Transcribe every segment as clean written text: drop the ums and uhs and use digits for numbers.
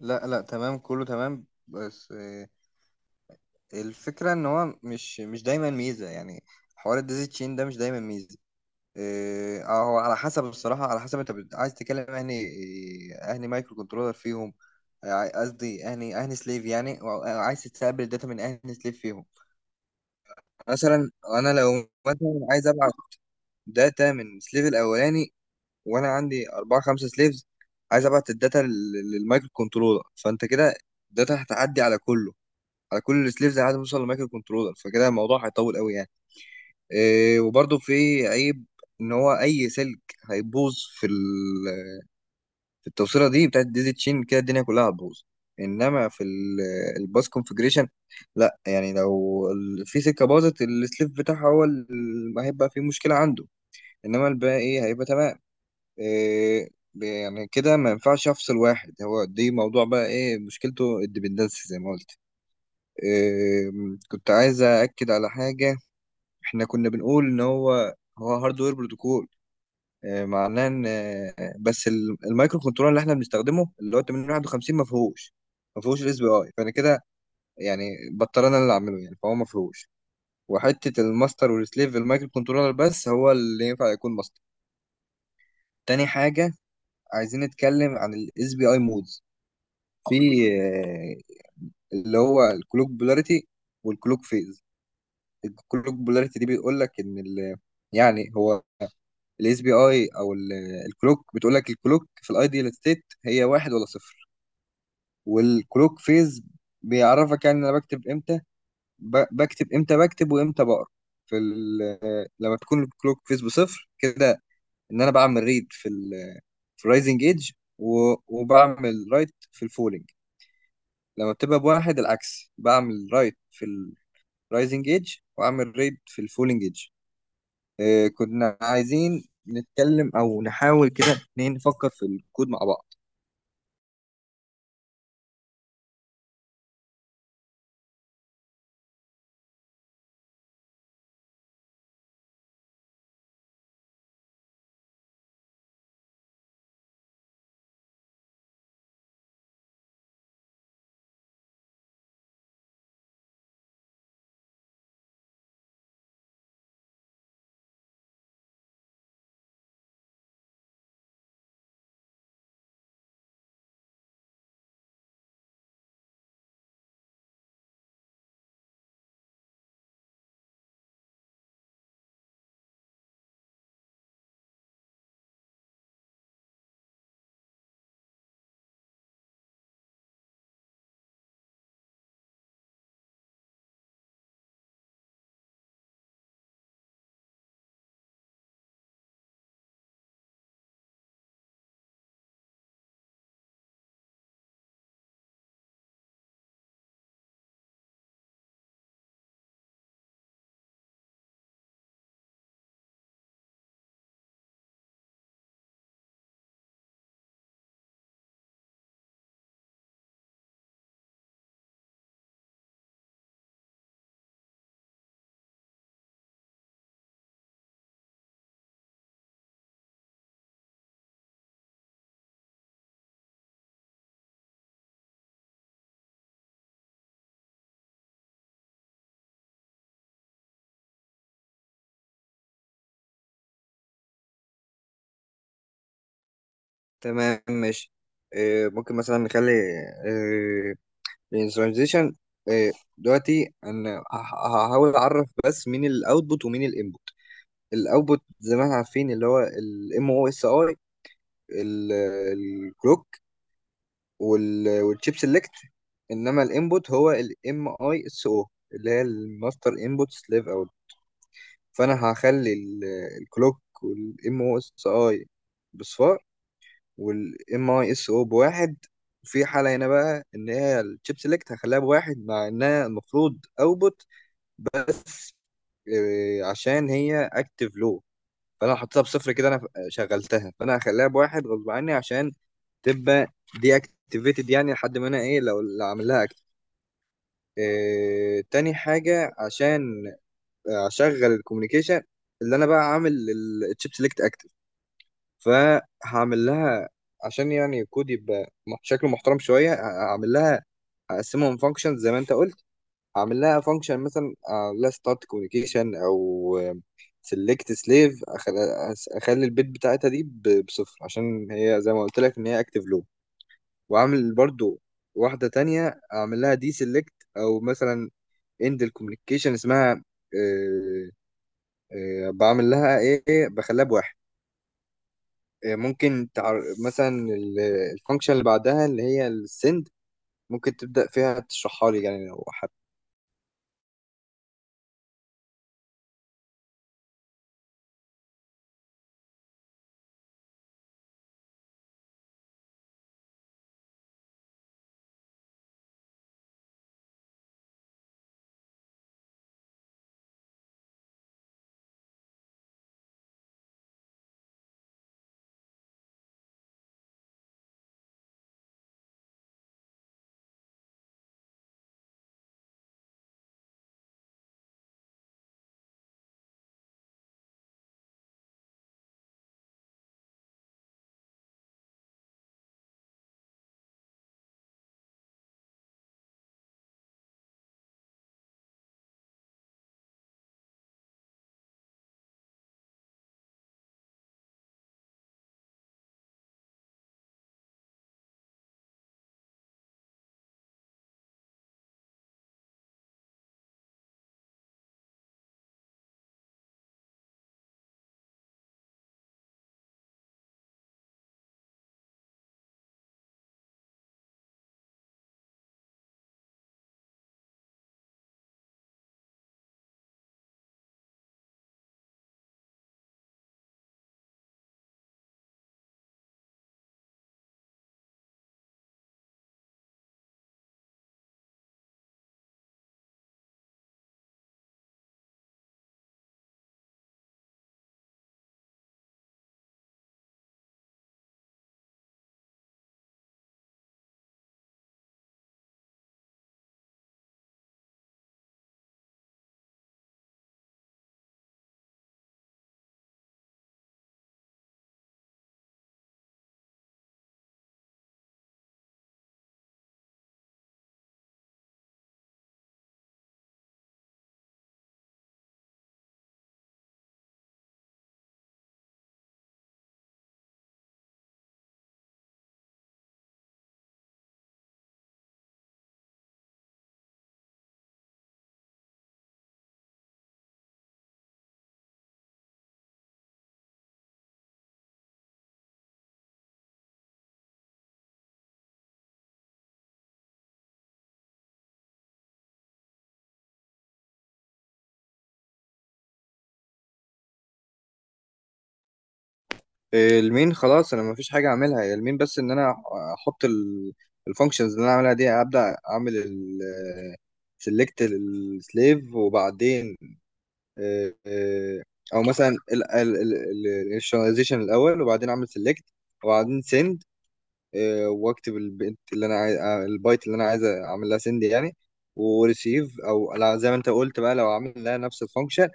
لا، لا تمام، كله تمام. بس الفكرة ان هو مش دايما ميزة يعني. حوار الديزي تشين ده مش دايما ميزة. هو على حسب. الصراحة على حسب انت عايز تتكلم اهني، اهني مايكرو كنترولر فيهم. قصدي اهني سليف يعني أو عايز تستقبل الداتا من اهني سليف فيهم. مثلا انا لو مثلا عايز ابعت داتا من السليف الاولاني، وانا عندي اربعة خمسة سليفز، عايز ابعت الداتا للمايكرو كنترولر، فانت كده الداتا هتعدي على كله، على كل السليفز لحد ما نوصل لمايكرو كنترولر، فكده الموضوع هيطول قوي يعني. إيه وبرده في عيب ان هو اي سلك هيبوظ في في التوصيله دي بتاعت ديزي تشين، كده الدنيا كلها هتبوظ. انما في الباس كونفجريشن لا، يعني لو في سكه باظت السليف بتاعها هو اللي هيبقى فيه مشكله عنده، انما الباقي ايه هيبقى تمام. إيه يعني كده ما ينفعش افصل واحد، هو دي موضوع بقى ايه مشكلته، الديبندنسي زي ما قلت. كنت عايز أأكد على حاجة. إحنا كنا بنقول إن هو هاردوير بروتوكول. معناه إن بس المايكرو كنترولر اللي إحنا بنستخدمه اللي هو 8051 ما فيهوش الاس بي أي. فأنا كده يعني بضطر أنا اللي أعمله يعني، فهو ما فيهوش. وحتة الماستر والسليف المايكرو كنترولر بس هو اللي ينفع يكون ماستر. تاني حاجة عايزين نتكلم عن الاس بي أي مودز. في آه، اللي هو الكلوك بولاريتي والكلوك فيز. الكلوك بولاريتي دي بيقول لك ان ال، يعني هو الاس بي اي او الكلوك بتقول لك الكلوك في الايديال ستيت هي واحد ولا صفر. والكلوك فيز بيعرفك يعني انا بكتب امتى، بكتب امتى بكتب وامتى بقرا. في ال... لما تكون الكلوك فيز بصفر كده، ان انا بعمل ريد في ال، في الرايزنج ايدج وبعمل رايت في الفولينج. لما بتبقى بواحد العكس، بعمل رايت في الرايزنج ايدج واعمل ريد في الفولينج ايدج. كنا عايزين نتكلم او نحاول كده اتنين نفكر في الكود مع بعض. تمام ماشي. ممكن مثلا نخلي الترانزيشن. دلوقتي انا هحاول اعرف بس مين الاوتبوت ومين الانبوت. الاوتبوت زي ما احنا عارفين اللي هو الام او اس اي، الكلوك، والتشيب سيلكت. انما الانبوت هو الام اي اس او، اللي هي الماستر انبوت سليف. فانا هخلي الكلوك والام او اس اي بصفار، والام اي اس او بواحد. وفي حالة هنا بقى ان هي الشيب سيلكت هخليها بواحد مع انها المفروض اوبوت. عشان هي اكتف لو، فانا حطيتها بصفر كده انا شغلتها، فانا هخليها بواحد غصب عني عشان تبقى دي اكتيفيتد، يعني لحد ما انا ايه لو اللي عامل لها اكتف. إيه تاني حاجه عشان اشغل الكوميونيكيشن اللي انا بقى عامل الشيب سيلكت، فهعمل لها عشان يعني الكود يبقى شكله محترم شويه. هعمل لها هقسمهم فانكشنز زي ما انت قلت. هعمل لها فانكشن مثلا، اعمل لها ستارت كوميونيكيشن او سيلكت سليف، اخلي البيت بتاعتها دي بصفر عشان هي زي ما قلت لك ان هي اكتف لو. واعمل برضو واحده تانية، اعمل لها دي سيلكت او مثلا اند الكوميونيكيشن اسمها. آه، بعمل لها ايه، بخليها بواحد. ممكن مثلا الفانكشن اللي بعدها اللي هي السند ممكن تبدأ فيها تشرحها لي يعني لو حابب. المين خلاص انا مفيش حاجة اعملها، هي المين بس ان انا احط الفانكشنز اللي انا اعملها دي، ابدأ اعمل ال سيلكت السليف، وبعدين آه، آه، او مثلا الانيشاليزيشن الاول، وبعدين اعمل سيلكت، وبعدين send. واكتب البنت اللي انا عايز البايت اللي انا عايز اعمل لها سند يعني. وريسيف او لا زي ما انت قلت بقى لو عامل لها نفس الفانكشن.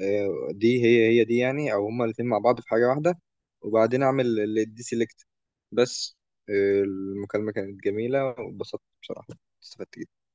دي هي، هي دي يعني، او هما الاثنين مع بعض في حاجه واحده. وبعدين اعمل الدي سيلكت بس. المكالمه كانت جميله واتبسطت بصراحه، استفدت جدا.